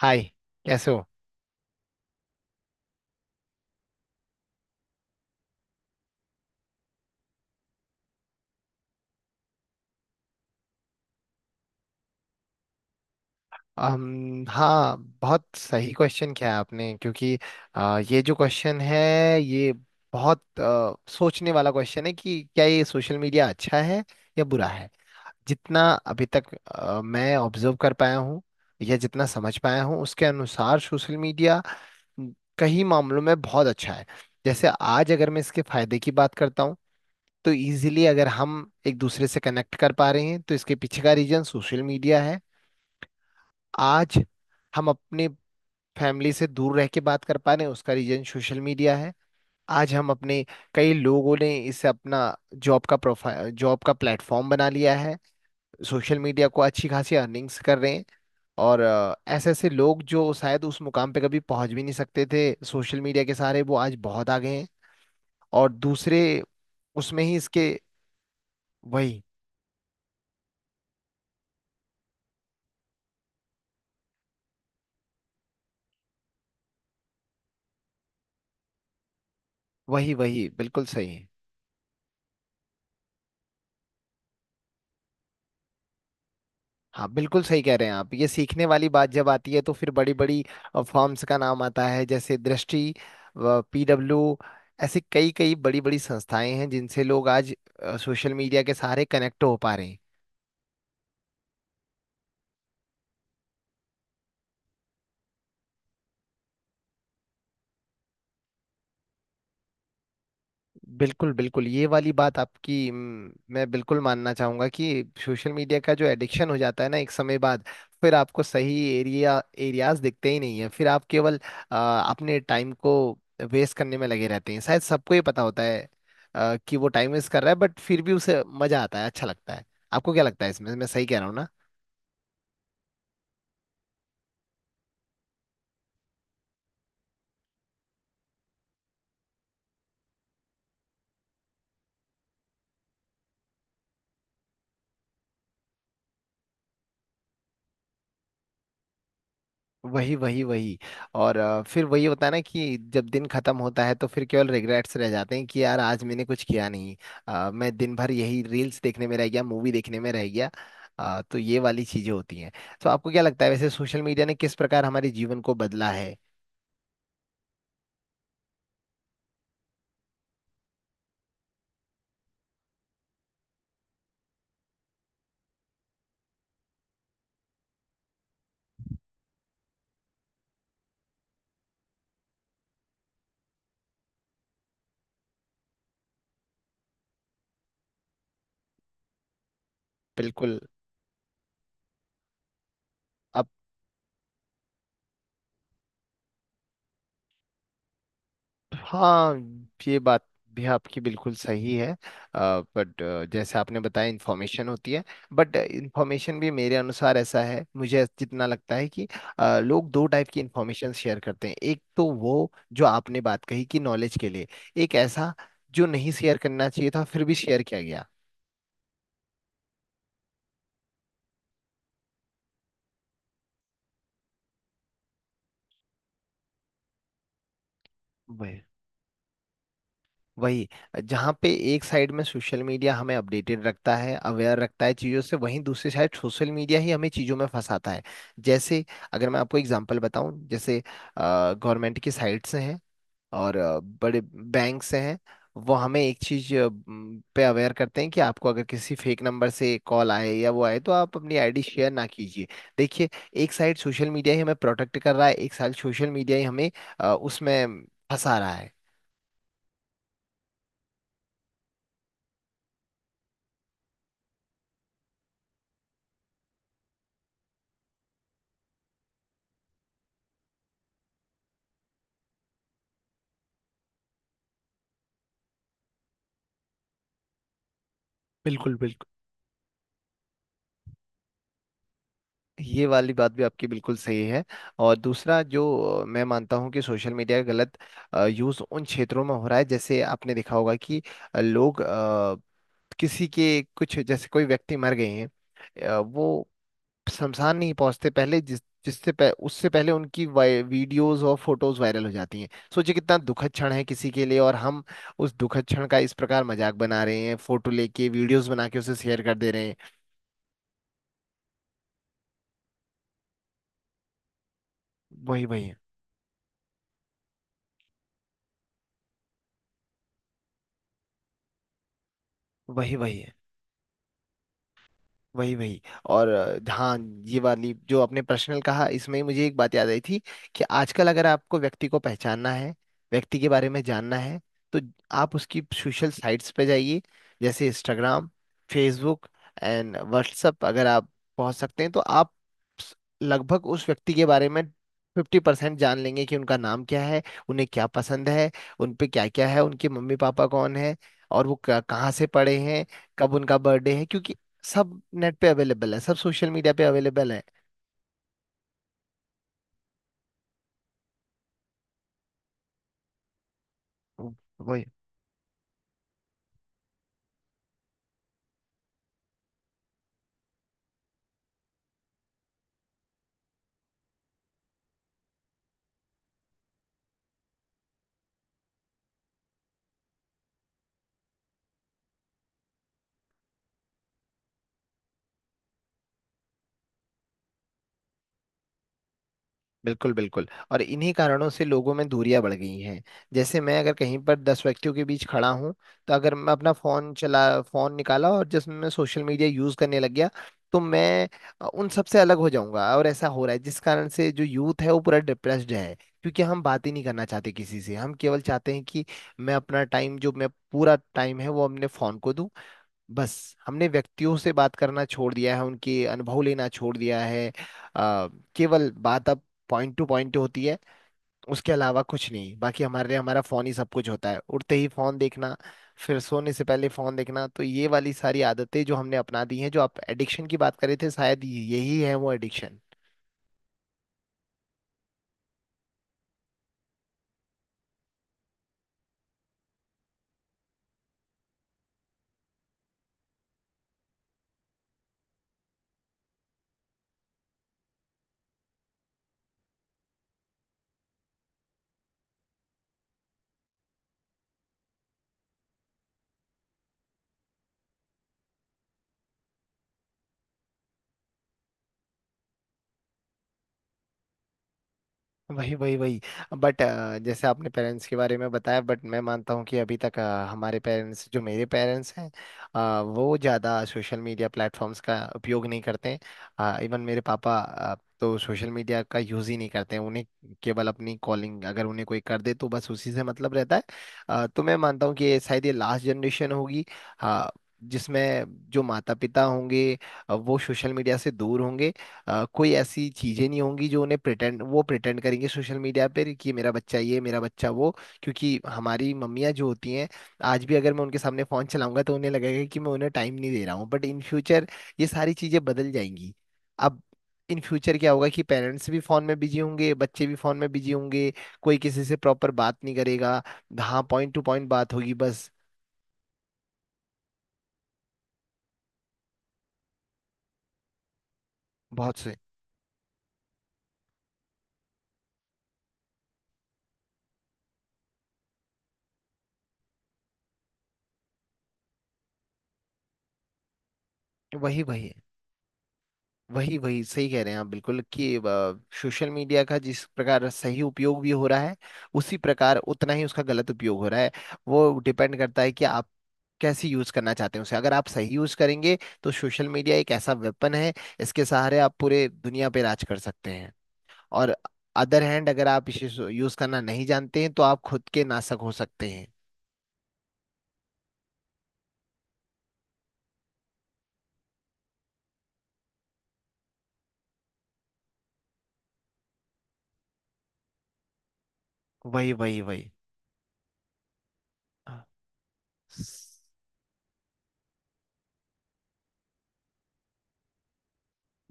हाय। कैसे हो? हाँ, बहुत सही क्वेश्चन किया है आपने, क्योंकि ये जो क्वेश्चन है, ये बहुत सोचने वाला क्वेश्चन है कि क्या ये सोशल मीडिया अच्छा है या बुरा है। जितना अभी तक मैं ऑब्जर्व कर पाया हूँ या जितना समझ पाया हूँ, उसके अनुसार सोशल मीडिया कई मामलों में बहुत अच्छा है। जैसे आज अगर मैं इसके फायदे की बात करता हूँ, तो इजीली अगर हम एक दूसरे से कनेक्ट कर पा रहे हैं तो इसके पीछे का रीजन सोशल मीडिया है। आज हम अपने फैमिली से दूर रह के बात कर पा रहे हैं, उसका रीजन सोशल मीडिया है। आज हम अपने कई लोगों ने इसे अपना जॉब का प्रोफाइल जॉब का प्लेटफॉर्म बना लिया है, सोशल मीडिया को अच्छी खासी अर्निंग्स कर रहे हैं। और ऐसे ऐसे लोग जो शायद उस मुकाम पे कभी पहुंच भी नहीं सकते थे, सोशल मीडिया के सहारे वो आज बहुत आगे हैं। और दूसरे उसमें ही इसके वही। वही वही बिल्कुल सही है। हाँ, बिल्कुल सही कह रहे हैं आप। ये सीखने वाली बात जब आती है तो फिर बड़ी बड़ी फर्म्स का नाम आता है, जैसे दृष्टि, पीडब्ल्यू। ऐसी कई कई बड़ी बड़ी संस्थाएं हैं जिनसे लोग आज सोशल मीडिया के सहारे कनेक्ट हो पा रहे हैं। बिल्कुल बिल्कुल। ये वाली बात आपकी मैं बिल्कुल मानना चाहूंगा कि सोशल मीडिया का जो एडिक्शन हो जाता है ना एक समय बाद, फिर आपको सही एरिया एरियाज दिखते ही नहीं है। फिर आप केवल अपने टाइम को वेस्ट करने में लगे रहते हैं। शायद सबको ये पता होता है कि वो टाइम वेस्ट कर रहा है, बट फिर भी उसे मजा आता है, अच्छा लगता है। आपको क्या लगता है इसमें, मैं सही कह रहा हूँ ना? वही वही वही। और फिर वही होता है ना कि जब दिन खत्म होता है तो फिर केवल रिग्रेट्स रह जाते हैं कि यार आज मैंने कुछ किया नहीं। मैं दिन भर यही रील्स देखने में रह गया, मूवी देखने में रह गया। तो ये वाली चीजें होती हैं। तो आपको क्या लगता है वैसे सोशल मीडिया ने किस प्रकार हमारे जीवन को बदला है? बिल्कुल। हाँ, ये बात भी आपकी बिल्कुल सही है। बट जैसे आपने बताया इंफॉर्मेशन होती है, बट इंफॉर्मेशन भी मेरे अनुसार ऐसा है, मुझे जितना लगता है कि लोग दो टाइप की इंफॉर्मेशन शेयर करते हैं। एक तो वो जो आपने बात कही कि नॉलेज के लिए, एक ऐसा जो नहीं शेयर करना चाहिए था फिर भी शेयर किया गया। वही। जहाँ पे एक साइड में सोशल मीडिया हमें अपडेटेड रखता है, अवेयर रखता है चीज़ों से, वहीं दूसरी साइड सोशल मीडिया ही हमें चीज़ों में फंसाता है। जैसे अगर मैं आपको एग्जांपल बताऊं, जैसे गवर्नमेंट की साइट्स से हैं और बड़े बैंक से हैं, वो हमें एक चीज़ पे अवेयर करते हैं कि आपको अगर किसी फेक नंबर से कॉल आए या वो आए तो आप अपनी आईडी शेयर ना कीजिए। देखिए, एक साइड सोशल मीडिया ही हमें प्रोटेक्ट कर रहा है, एक साइड सोशल मीडिया ही हमें उसमें फंसा रहा है। बिल्कुल बिल्कुल। ये वाली बात भी आपकी बिल्कुल सही है। और दूसरा जो मैं मानता हूँ कि सोशल मीडिया का गलत यूज़ उन क्षेत्रों में हो रहा है, जैसे आपने देखा होगा कि लोग किसी के कुछ जैसे कोई व्यक्ति मर गए हैं, वो शमशान नहीं पहुंचते, पहले उससे पहले उनकी वीडियोस और फोटोज वायरल हो जाती हैं। सोचिए कितना दुखद क्षण है किसी के लिए, और हम उस दुखद क्षण का इस प्रकार मजाक बना रहे हैं, फोटो लेके वीडियोस बना के उसे शेयर कर दे रहे हैं। वही वही है। वही वही है। वही वही। और हाँ, ये वाली जो आपने पर्सनल कहा इसमें ही मुझे एक बात याद आई थी कि आजकल अगर आपको व्यक्ति को पहचानना है, व्यक्ति के बारे में जानना है, तो आप उसकी सोशल साइट्स पे जाइए, जैसे इंस्टाग्राम, फेसबुक एंड व्हाट्सएप। अगर आप पहुंच सकते हैं तो आप स- लगभग उस व्यक्ति के बारे में 50% जान लेंगे कि उनका नाम क्या है, उन्हें क्या पसंद है, उन पे क्या क्या है, उनके मम्मी पापा कौन है, और वो कहाँ से पढ़े हैं, कब उनका बर्थडे है। क्योंकि सब नेट पे अवेलेबल है, सब सोशल मीडिया पे अवेलेबल है। वो- वही। बिल्कुल बिल्कुल। और इन्हीं कारणों से लोगों में दूरियां बढ़ गई हैं। जैसे मैं अगर कहीं पर 10 व्यक्तियों के बीच खड़ा हूं, तो अगर मैं अपना फोन चला, फोन निकाला और जिसमें मैं सोशल मीडिया यूज करने लग गया, तो मैं उन सबसे अलग हो जाऊंगा। और ऐसा हो रहा है जिस कारण से जो यूथ है वो पूरा डिप्रेस्ड है, क्योंकि हम बात ही नहीं करना चाहते किसी से। हम केवल चाहते हैं कि मैं अपना टाइम, जो मैं पूरा टाइम है, वो अपने फोन को दूं। बस हमने व्यक्तियों से बात करना छोड़ दिया है, उनके अनुभव लेना छोड़ दिया है। अ, केवल बात अब पॉइंट टू पॉइंट होती है, उसके अलावा कुछ नहीं। बाकी हमारे लिए हमारा फोन ही सब कुछ होता है, उठते ही फोन देखना, फिर सोने से पहले फोन देखना। तो ये वाली सारी आदतें जो हमने अपना दी हैं, जो आप एडिक्शन की बात कर रहे थे, शायद यही है वो एडिक्शन। वही वही वही। बट जैसे आपने पेरेंट्स के बारे में बताया, बट मैं मानता हूँ कि अभी तक हमारे पेरेंट्स, जो मेरे पेरेंट्स हैं, वो ज़्यादा सोशल मीडिया प्लेटफॉर्म्स का उपयोग नहीं करते हैं। इवन मेरे पापा तो सोशल मीडिया का यूज़ ही नहीं करते हैं। उन्हें केवल अपनी कॉलिंग, अगर उन्हें कोई कर दे तो बस उसी से मतलब रहता है। तो मैं मानता हूँ कि ये शायद ये लास्ट जनरेशन होगी अ, जिसमें जो माता पिता होंगे वो सोशल मीडिया से दूर होंगे। कोई ऐसी चीजें नहीं होंगी जो उन्हें प्रिटेंड वो प्रिटेंड करेंगे सोशल मीडिया पे कि ये मेरा बच्चा, ये मेरा बच्चा, वो। क्योंकि हमारी मम्मियाँ जो होती हैं, आज भी अगर मैं उनके सामने फोन चलाऊंगा तो उन्हें लगेगा कि मैं उन्हें टाइम नहीं दे रहा हूँ। बट इन फ्यूचर ये सारी चीजें बदल जाएंगी। अब इन फ्यूचर क्या होगा कि पेरेंट्स भी फोन में बिजी होंगे, बच्चे भी फोन में बिजी होंगे। कोई किसी से प्रॉपर बात नहीं करेगा। हाँ, पॉइंट टू पॉइंट बात होगी बस। बहुत से वही। वही वही वही सही कह रहे हैं आप, बिल्कुल, कि सोशल मीडिया का जिस प्रकार सही उपयोग भी हो रहा है, उसी प्रकार उतना ही उसका गलत उपयोग हो रहा है। वो डिपेंड करता है कि आप कैसे यूज करना चाहते हैं उसे। अगर आप सही यूज करेंगे तो सोशल मीडिया एक ऐसा वेपन है, इसके सहारे आप पूरे दुनिया पे राज कर सकते हैं। और अदर हैंड अगर आप इसे यूज करना नहीं जानते हैं, तो आप खुद के नासक हो सकते हैं। वही वही वही।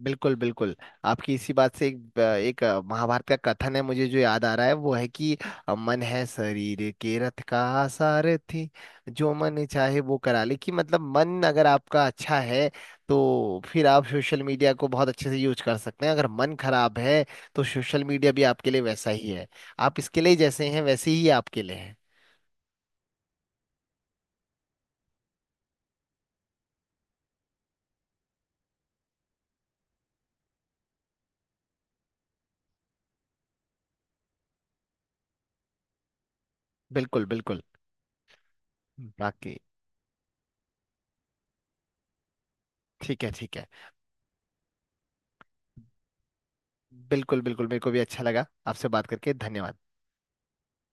बिल्कुल बिल्कुल। आपकी इसी बात से एक एक महाभारत का कथन है मुझे जो याद आ रहा है, वो है कि मन है शरीर के रथ का सारथी, जो मन चाहे वो करा ले। कि मतलब मन अगर आपका अच्छा है तो फिर आप सोशल मीडिया को बहुत अच्छे से यूज कर सकते हैं। अगर मन खराब है, तो सोशल मीडिया भी आपके लिए वैसा ही है। आप इसके लिए जैसे हैं वैसे ही आपके लिए है। बिल्कुल बिल्कुल। बाकी ठीक है, ठीक है। बिल्कुल बिल्कुल, मेरे को भी अच्छा लगा आपसे बात करके। धन्यवाद।